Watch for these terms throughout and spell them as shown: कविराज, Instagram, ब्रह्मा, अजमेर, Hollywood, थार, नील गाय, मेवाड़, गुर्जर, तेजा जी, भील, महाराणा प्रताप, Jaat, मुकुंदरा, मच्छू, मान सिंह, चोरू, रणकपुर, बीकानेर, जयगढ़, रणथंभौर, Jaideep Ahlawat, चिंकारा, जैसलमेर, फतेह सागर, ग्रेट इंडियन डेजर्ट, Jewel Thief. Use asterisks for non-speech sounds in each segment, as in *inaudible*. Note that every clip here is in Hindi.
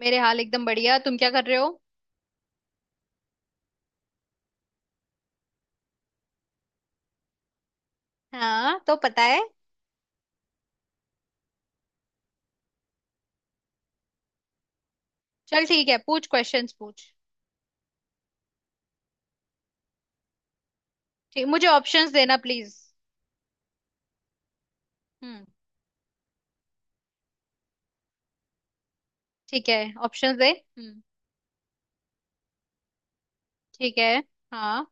मेरे हाल एकदम बढ़िया। तुम क्या कर रहे हो? हाँ, तो पता है। चल ठीक है, पूछ, क्वेश्चंस पूछ। ठीक, मुझे ऑप्शंस देना प्लीज। हम्म। ठीक है, ऑप्शंस दे। हम्म, ठीक है। हाँ,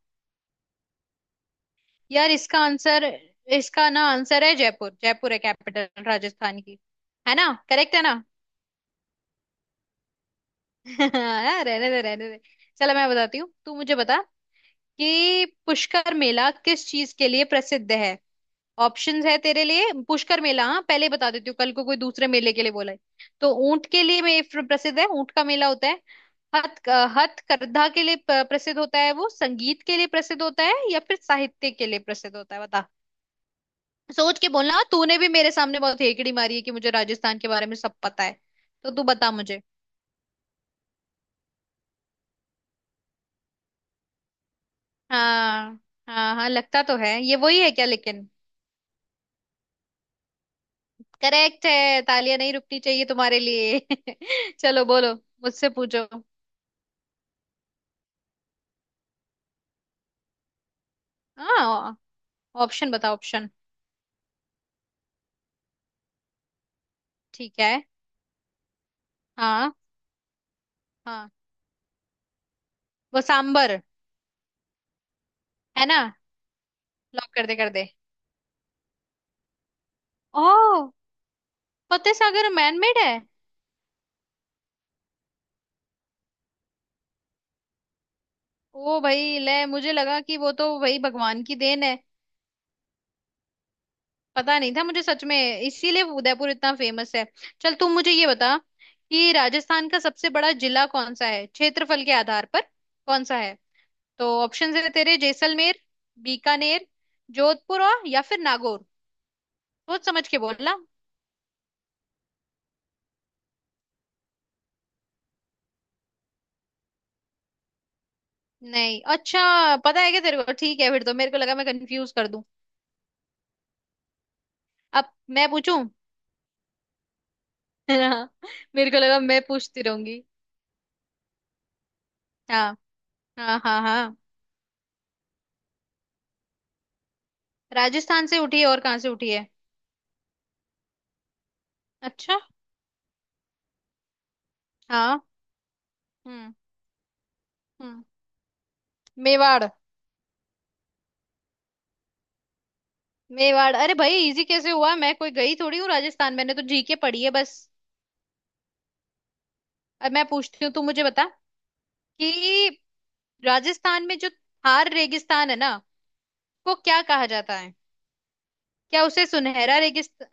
यार इसका आंसर, इसका आंसर है जयपुर। जयपुर है कैपिटल राजस्थान की। है ना? करेक्ट है ना? *laughs* हाँ, रहने दे रहने दे। चलो मैं बताती हूँ, तू मुझे बता कि पुष्कर मेला किस चीज के लिए प्रसिद्ध है। ऑप्शंस है तेरे लिए, पुष्कर मेला, हाँ, पहले ही बता देती हूँ, कल को कोई दूसरे मेले के लिए बोला है। तो ऊंट के लिए में प्रसिद्ध है, ऊंट का मेला होता है। हथ हथकरघा के लिए प्रसिद्ध होता है, वो संगीत के लिए प्रसिद्ध होता है, या फिर साहित्य के लिए प्रसिद्ध होता है, बता। सोच के बोलना, तूने भी मेरे सामने बहुत हेकड़ी मारी है कि मुझे राजस्थान के बारे में सब पता है। तो तू बता मुझे। हाँ हाँ। हाँ, लगता तो है, ये वही है क्या लेकिन। करेक्ट है, तालियां नहीं रुकनी चाहिए तुम्हारे लिए। *laughs* चलो बोलो, मुझसे पूछो। हाँ, ऑप्शन बताओ, ऑप्शन। ठीक है। हाँ। हाँ, वो सांबर। है ना? लॉक कर दे, कर दे। ओह। फतेह सागर मैनमेड है? ओ भाई ले, मुझे लगा कि वो तो भाई भगवान की देन है। पता नहीं था मुझे सच में। इसीलिए वो उदयपुर इतना फेमस है। चल तू मुझे ये बता कि राजस्थान का सबसे बड़ा जिला कौन सा है, क्षेत्रफल के आधार पर कौन सा है। तो ऑप्शन है तेरे जैसलमेर, बीकानेर, जोधपुर, और या फिर नागौर। सोच समझ के बोलना। नहीं, अच्छा, पता है क्या तेरे को। ठीक है फिर, तो मेरे को लगा मैं कंफ्यूज कर दूं। अब मैं पूछूं। *laughs* हाँ, मेरे को लगा मैं पूछती रहूंगी। हाँ हाँ हाँ। हाँ, राजस्थान से उठी है, और कहाँ से उठी है? अच्छा। हाँ। हम्म। हम्म, मेवाड़। मेवाड़। अरे भाई इजी कैसे हुआ, मैं कोई गई थोड़ी हूँ राजस्थान, मैंने तो जीके पढ़ी है बस। अब मैं पूछती हूँ, तू मुझे बता कि राजस्थान में जो थार रेगिस्तान है ना, को क्या कहा जाता है। क्या उसे सुनहरा रेगिस्तान?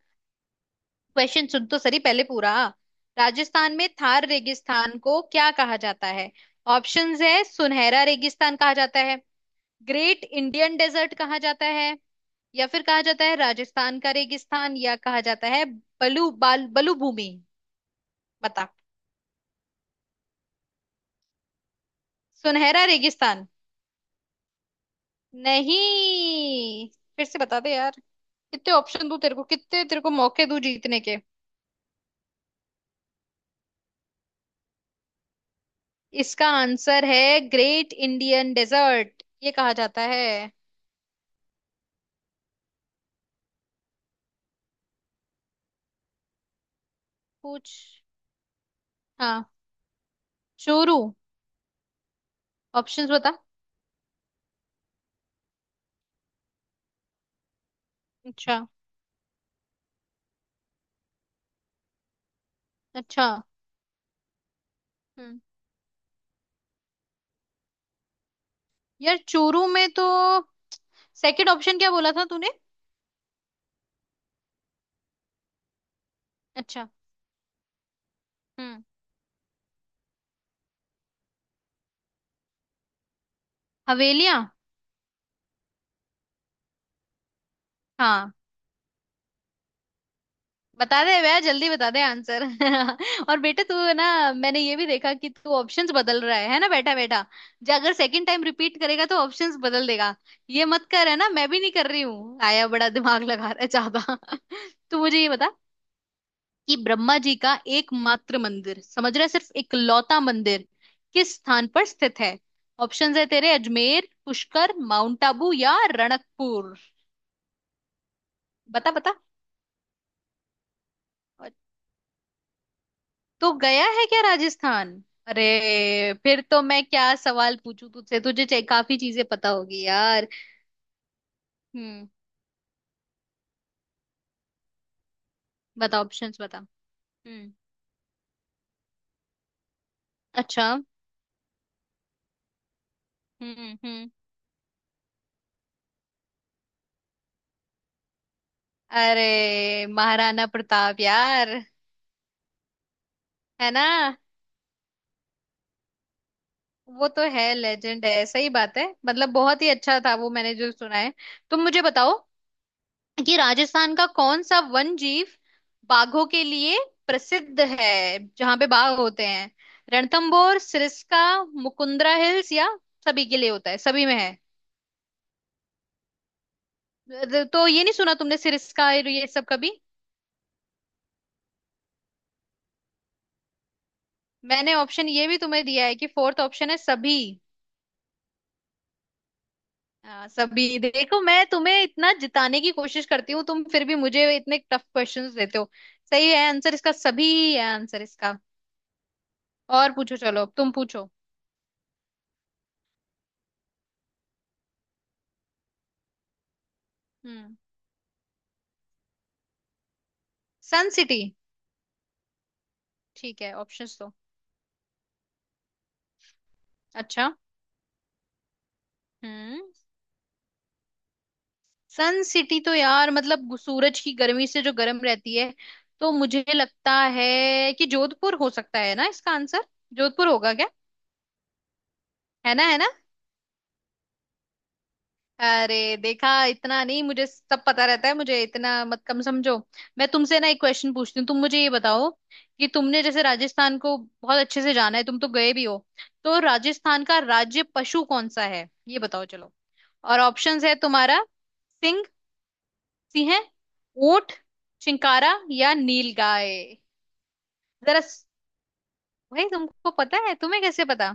क्वेश्चन सुन तो सही पहले पूरा। राजस्थान में थार रेगिस्तान को क्या कहा जाता है? ऑप्शंस है, सुनहरा रेगिस्तान कहा जाता है, ग्रेट इंडियन डेजर्ट कहा जाता है, या फिर कहा जाता है राजस्थान का रेगिस्तान, या कहा जाता है बलू भूमि, बता। सुनहरा रेगिस्तान? नहीं। फिर से बता दे यार, कितने ऑप्शन दूं तेरे को, कितने तेरे को मौके दूं जीतने के। इसका आंसर है ग्रेट इंडियन डेजर्ट, ये कहा जाता है। पूछ। हाँ, चोरू। ऑप्शंस बता। अच्छा। अच्छा। हम्म, यार चोरू में तो, सेकंड ऑप्शन क्या बोला था तूने? अच्छा। हम्म, हवेलियां। हाँ। बता दे भैया, जल्दी बता दे आंसर। *laughs* और बेटा, तू है ना, मैंने ये भी देखा कि तू ऑप्शंस बदल रहा है ना बेटा बेटा, जो अगर सेकंड टाइम रिपीट करेगा तो ऑप्शंस बदल देगा। ये मत कर, है ना, मैं भी नहीं कर रही हूँ, आया बड़ा दिमाग लगा रहा है ज्यादा। *laughs* तू मुझे ये बता कि ब्रह्मा जी का एकमात्र मंदिर, समझ रहे, सिर्फ इकलौता मंदिर किस स्थान पर स्थित है। ऑप्शंस है तेरे, अजमेर, पुष्कर, माउंट आबू, या रणकपुर। बता बता। तो गया है क्या राजस्थान? अरे, फिर तो मैं क्या सवाल पूछूं तुझसे, तुझे काफी चीजें पता होगी यार। हम्म। बता, ऑप्शंस बता। हम्म। अच्छा। हम्म। अरे महाराणा प्रताप यार, है ना, वो तो है, लेजेंड है, सही बात है, मतलब बहुत ही अच्छा था वो, मैंने जो सुना है। तुम मुझे बताओ कि राजस्थान का कौन सा वन जीव बाघों के लिए प्रसिद्ध है, जहां पे बाघ होते हैं। रणथंभौर, सिरस्का, मुकुंदरा हिल्स, या सभी के लिए होता है, सभी में है तो। ये नहीं सुना तुमने, सिरस्का और ये सब कभी? मैंने ऑप्शन ये भी तुम्हें दिया है कि फोर्थ ऑप्शन है सभी। हाँ, सभी। देखो मैं तुम्हें इतना जिताने की कोशिश करती हूँ, तुम फिर भी मुझे इतने टफ क्वेश्चंस देते हो। सही है, आंसर इसका सभी है, आंसर इसका। और पूछो, चलो अब तुम पूछो। हम्म। सन सिटी? ठीक है, ऑप्शंस दो। अच्छा। हम्म। सन सिटी तो यार मतलब सूरज की गर्मी से जो गर्म रहती है, तो मुझे लगता है कि जोधपुर हो सकता है ना इसका आंसर। जोधपुर होगा क्या? है ना? है ना? अरे देखा, इतना नहीं मुझे, सब पता रहता है मुझे, इतना मत कम समझो। मैं तुमसे ना एक क्वेश्चन पूछती हूँ, तुम मुझे ये बताओ कि तुमने जैसे राजस्थान को बहुत अच्छे से जाना है, तुम तो गए भी हो, तो राजस्थान का राज्य पशु कौन सा है, ये बताओ चलो। और ऑप्शंस है तुम्हारा, सिंह, सिंह, ऊंट, चिंकारा, या नील गाय। जरा भाई तुमको पता है? तुम्हें कैसे पता?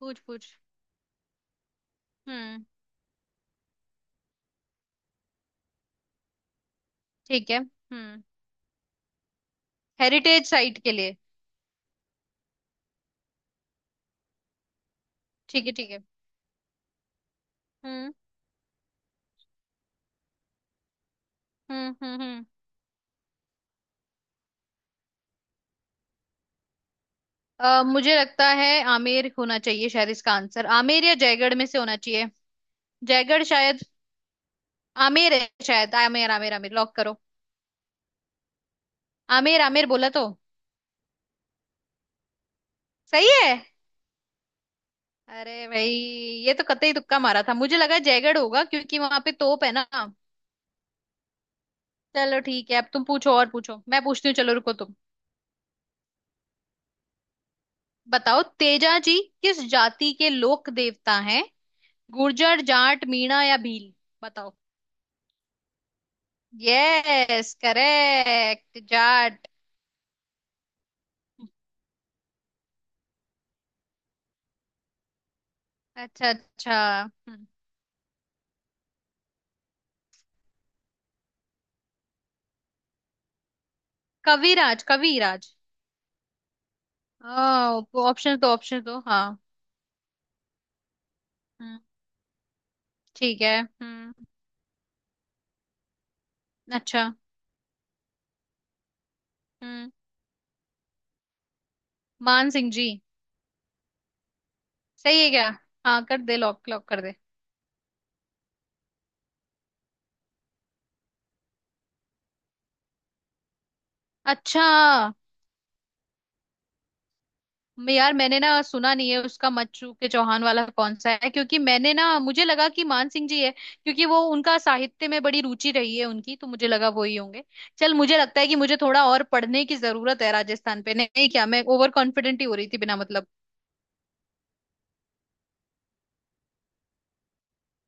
पूछ पूछ। हम्म, ठीक है। हम्म। हेरिटेज साइट के लिए? ठीक है, ठीक है। हम्म हम्म हम्म हम्म। अ, मुझे लगता है आमेर होना चाहिए शायद इसका आंसर, आमेर या जयगढ़ में से होना चाहिए। जयगढ़ शायद। आमेर है शायद, आमेर आमेर आमेर, लॉक करो। आमेर आमेर बोला तो। सही है। अरे भाई, ये तो कतई तुक्का मारा था, मुझे लगा जयगढ़ होगा क्योंकि वहां पे तोप है ना। चलो ठीक है, अब तुम पूछो और पूछो, मैं पूछती हूँ, चलो रुको तुम। बताओ तेजा जी किस जाति के लोक देवता हैं? गुर्जर, जाट, मीणा, या भील, बताओ। Yes, correct, Jat. अच्छा अच्छा। हम्म, कविराज? कविराज? ऑप्शन तो, ऑप्शन तो हाँ। हम्म, ठीक है। हम्म। अच्छा। हम्म, मान सिंह जी। सही है क्या? हाँ, कर दे, लॉक लॉक कर दे। अच्छा। मैं यार, मैंने ना सुना नहीं है उसका, मच्छू के चौहान वाला कौन सा है, क्योंकि मैंने ना, मुझे लगा कि मान सिंह जी है, क्योंकि वो उनका साहित्य में बड़ी रुचि रही है उनकी, तो मुझे लगा वो ही होंगे। चल, मुझे लगता है कि मुझे थोड़ा और पढ़ने की जरूरत है राजस्थान पे, नहीं क्या? मैं ओवर कॉन्फिडेंट ही हो रही थी बिना मतलब।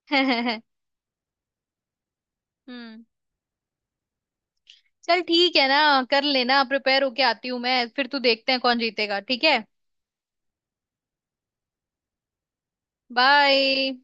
*laughs* हम्म, चल ठीक है ना, कर लेना, प्रिपेयर होके आती हूँ मैं फिर, तू देखते हैं कौन जीतेगा, ठीक है। बाय।